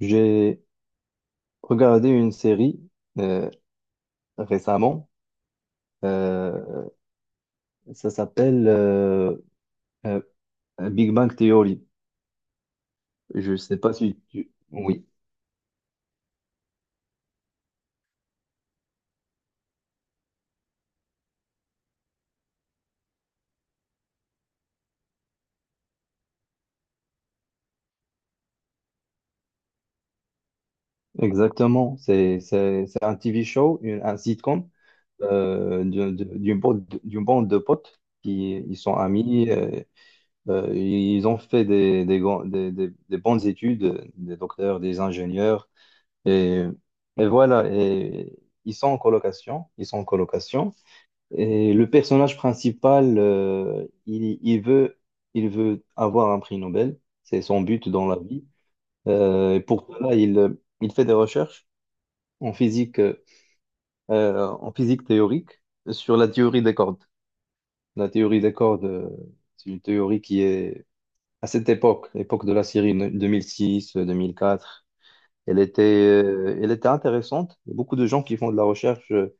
J'ai regardé une série euh, récemment. Euh, Ça s'appelle euh, Big Bang Theory. Je sais pas si tu... Oui, exactement. C'est un TV show, un sitcom d'une bande, d'une bande de potes qui ils sont amis. Ils ont fait des bonnes études, des docteurs, des ingénieurs. Et, et voilà. Et ils sont en colocation. Ils sont en colocation. Et le personnage principal, il veut avoir un prix Nobel. C'est son but dans la vie. Et pour cela, il fait des recherches en physique, euh, en physique théorique sur la théorie des cordes. La théorie des cordes, c'est une théorie qui est à cette époque, l'époque de la série 2006-2004. Elle était, intéressante. Il y a beaucoup de gens qui font de la recherche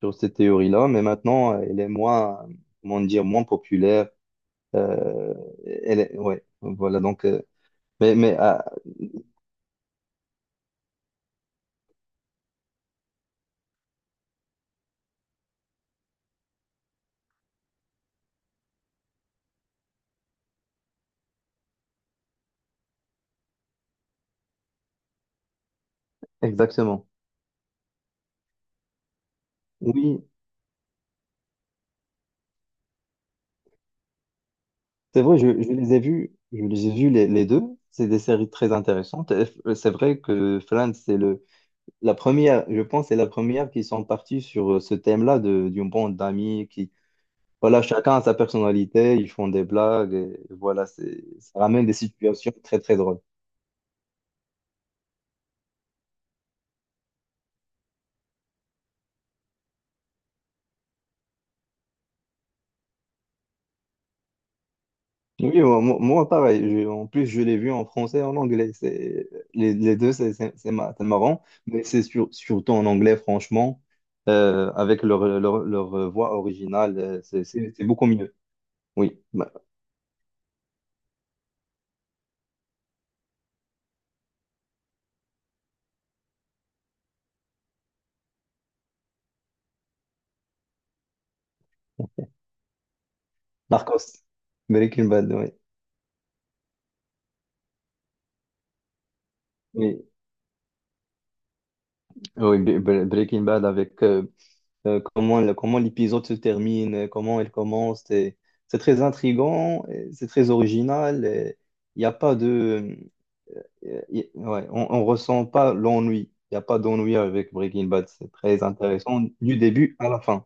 sur cette théorie-là, mais maintenant, elle est moins, comment dire, moins populaire. Euh, ouais, voilà, donc, mais ah, exactement. Oui, c'est vrai, je les ai vus, les deux. C'est des séries très intéressantes. C'est vrai que Friends, c'est la première, je pense, c'est la première qui sont partis sur ce thème-là d'une bande d'amis qui, voilà, chacun a sa personnalité, ils font des blagues, et voilà, ça ramène des situations très, très drôles. Oui, moi, pareil. En plus, je l'ai vu en français et en anglais. Les deux, c'est marrant. Mais c'est surtout en anglais, franchement, avec leur voix originale, c'est beaucoup mieux. Oui, Marcos. Breaking Bad, oui. Oui, oui, Breaking Bad avec comment, comment l'épisode se termine, comment il commence. C'est très intriguant, et c'est très original. Il n'y a pas de... Ouais, on ne ressent pas l'ennui. Il n'y a pas d'ennui avec Breaking Bad. C'est très intéressant du début à la fin.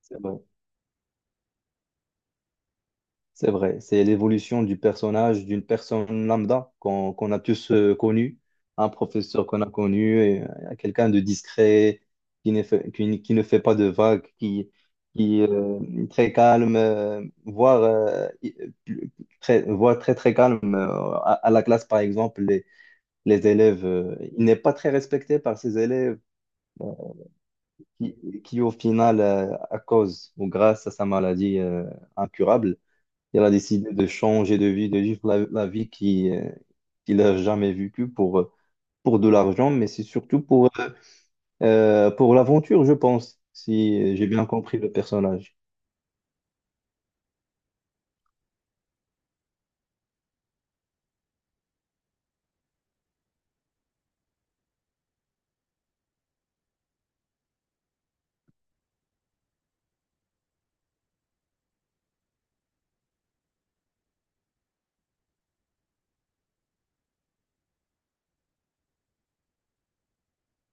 C'est vrai. C'est vrai. C'est l'évolution du personnage, d'une personne lambda qu'on a tous connu, un professeur qu'on a connu, et, quelqu'un de discret, qui ne fait pas de vagues, qui est très calme, voire, plus- très, voire très très calme à la classe, par exemple. Les élèves, il n'est pas très respecté par ses élèves qui, qui au final, à cause ou grâce à sa maladie incurable, il a décidé de changer de vie, de vivre la vie qui, qu'il n'a jamais vécue pour de l'argent, mais c'est surtout pour l'aventure, je pense, si j'ai bien compris le personnage.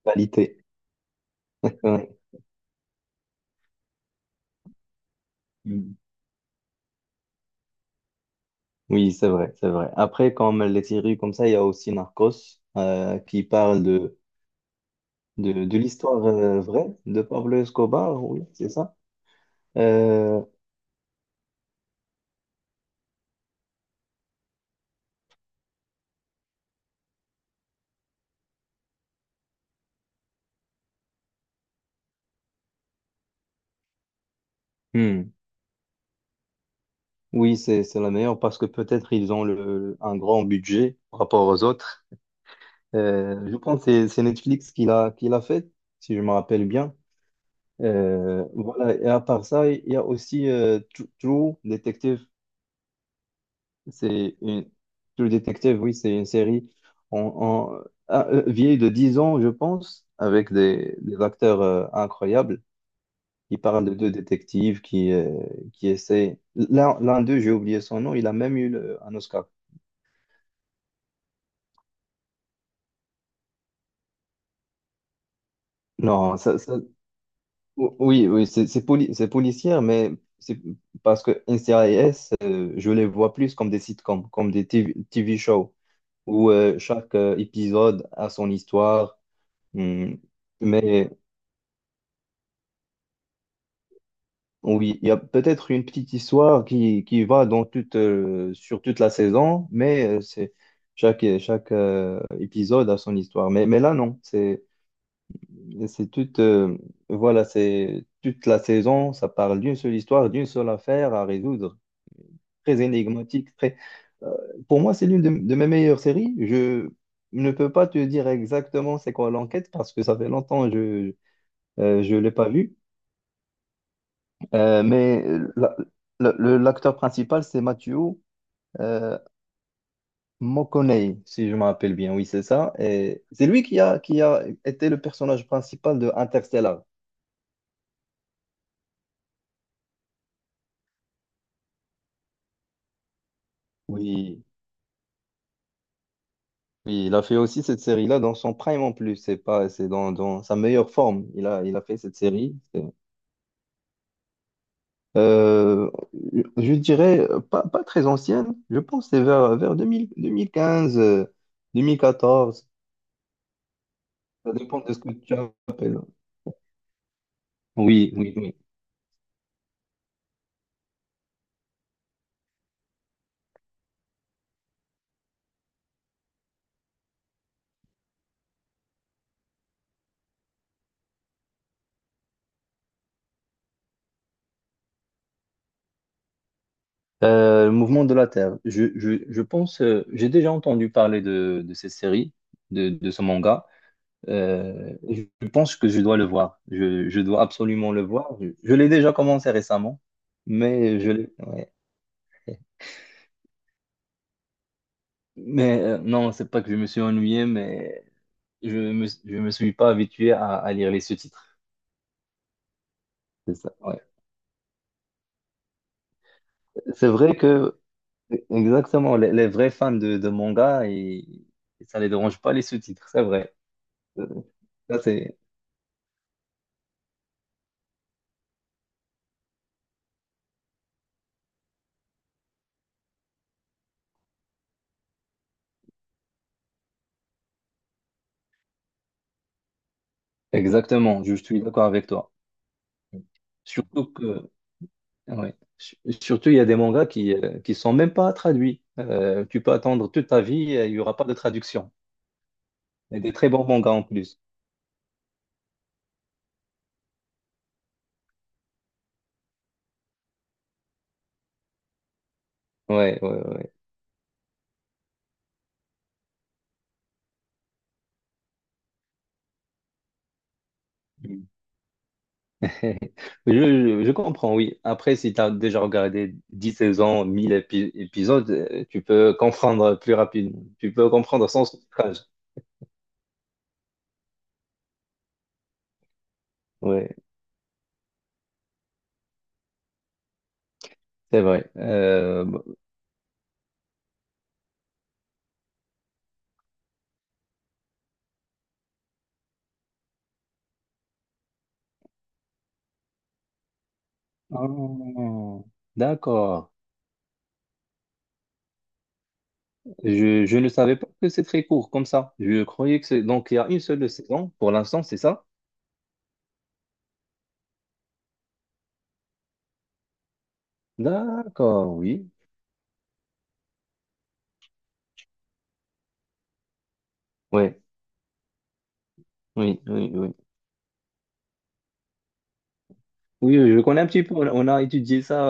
Qualité. Ouais. Oui, c'est vrai, c'est vrai. Après, comme les séries comme ça, il y a aussi Narcos qui parle de l'histoire vraie de Pablo Escobar, oui, c'est ça. Euh, hmm, Oui, c'est la meilleure parce que peut-être ils ont un grand budget par rapport aux autres. Je pense que c'est Netflix qui l'a fait, si je me rappelle bien. Voilà, et à part ça, il y a aussi True Detective. C'est une... True Detective, oui, c'est une série vieille de 10 ans, je pense, avec des acteurs incroyables. Il parle de deux détectives qui essaient. L'un d'eux, j'ai oublié son nom, il a même eu un Oscar. Non. Oui, oui, c'est policière, mais c'est parce que NCIS, je les vois plus comme des sitcoms, comme des TV shows, où chaque épisode a son histoire. Hmm. Mais oui, il y a peut-être une petite histoire qui va dans sur toute la saison, mais c'est chaque épisode a son histoire. Mais là, non, c'est toute, euh, voilà, c'est toute la saison, ça parle d'une seule histoire, d'une seule affaire à résoudre, très énigmatique, très... euh, pour moi, c'est l'une de mes meilleures séries. Je ne peux pas te dire exactement c'est quoi l'enquête parce que ça fait longtemps que je ne l'ai pas vue. Mais la- l'acteur principal, c'est Matthew euh, McConaughey, si je me rappelle bien. Oui, c'est ça. Et c'est lui qui a été le personnage principal de Interstellar. Oui, oui, il a fait aussi cette série-là dans son prime en plus. C'est pas, c'est dans sa meilleure forme. Il a fait cette série. Euh, je dirais pas très ancienne. Je pense que c'est vers 2000, 2015, deux mille quatorze. Ça dépend de ce que tu appelles. Oui, oui, oui. Le mouvement de la Terre. Je pense, j'ai déjà entendu parler de cette série, de ce manga. Je pense que je dois le voir. Je dois absolument le voir. Je l'ai déjà commencé récemment, mais ouais. Mais non, c'est pas que je me suis ennuyé, mais je me suis pas habitué à lire les sous-titres. C'est ça, ouais. C'est vrai que, exactement, les vrais fans de manga, ça les dérange pas les sous-titres, c'est vrai. Euh, Ça, c'est. Exactement, je suis d'accord avec toi. Surtout que, ouais. Surtout, il y a des mangas qui sont même pas traduits. Tu peux attendre toute ta vie, il y aura pas de traduction. Et des très bons mangas en plus. Ouais, ouais, ouais. Mm. Je comprends, oui. Après, si tu as déjà regardé 10 saisons, 1000 épisodes, tu peux comprendre plus rapidement. Tu peux comprendre sans sous-titrage. Oui, c'est vrai. Bon. Ah, d'accord. Je ne savais pas que c'est très court comme ça. Je croyais que c'est... Donc, il y a une seule saison pour l'instant, c'est ça? D'accord, oui. Ouais, oui, oui, oui. Oui, oui, je connais un petit peu. On a étudié ça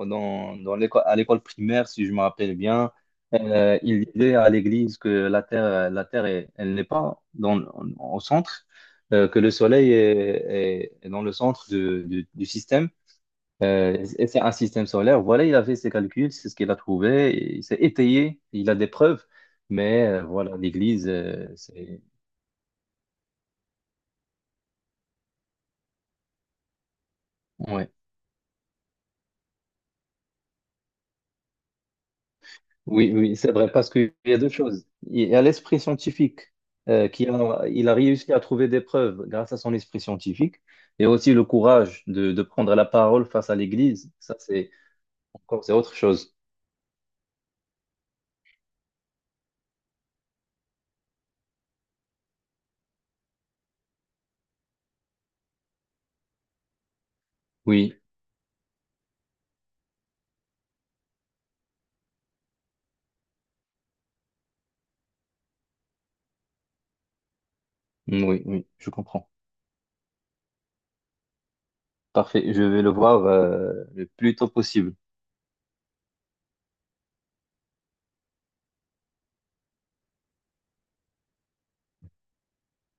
dans l'école, à l'école primaire, si je me rappelle bien. Il disait à l'église que la Terre, elle n'est pas au centre, que le Soleil est dans le centre du système. Et c'est un système solaire. Voilà, il a fait ses calculs, c'est ce qu'il a trouvé. Et Il s'est étayé, il a des preuves. Mais voilà, l'Église, c'est... ouais. Oui, oui, c'est vrai, parce qu'il y a deux choses. Il y a l'esprit scientifique, il a réussi à trouver des preuves grâce à son esprit scientifique, et aussi le courage de prendre la parole face à l'Église. Ça, c'est autre chose. Oui, oui, oui, je comprends. Parfait, je vais le voir le plus tôt possible.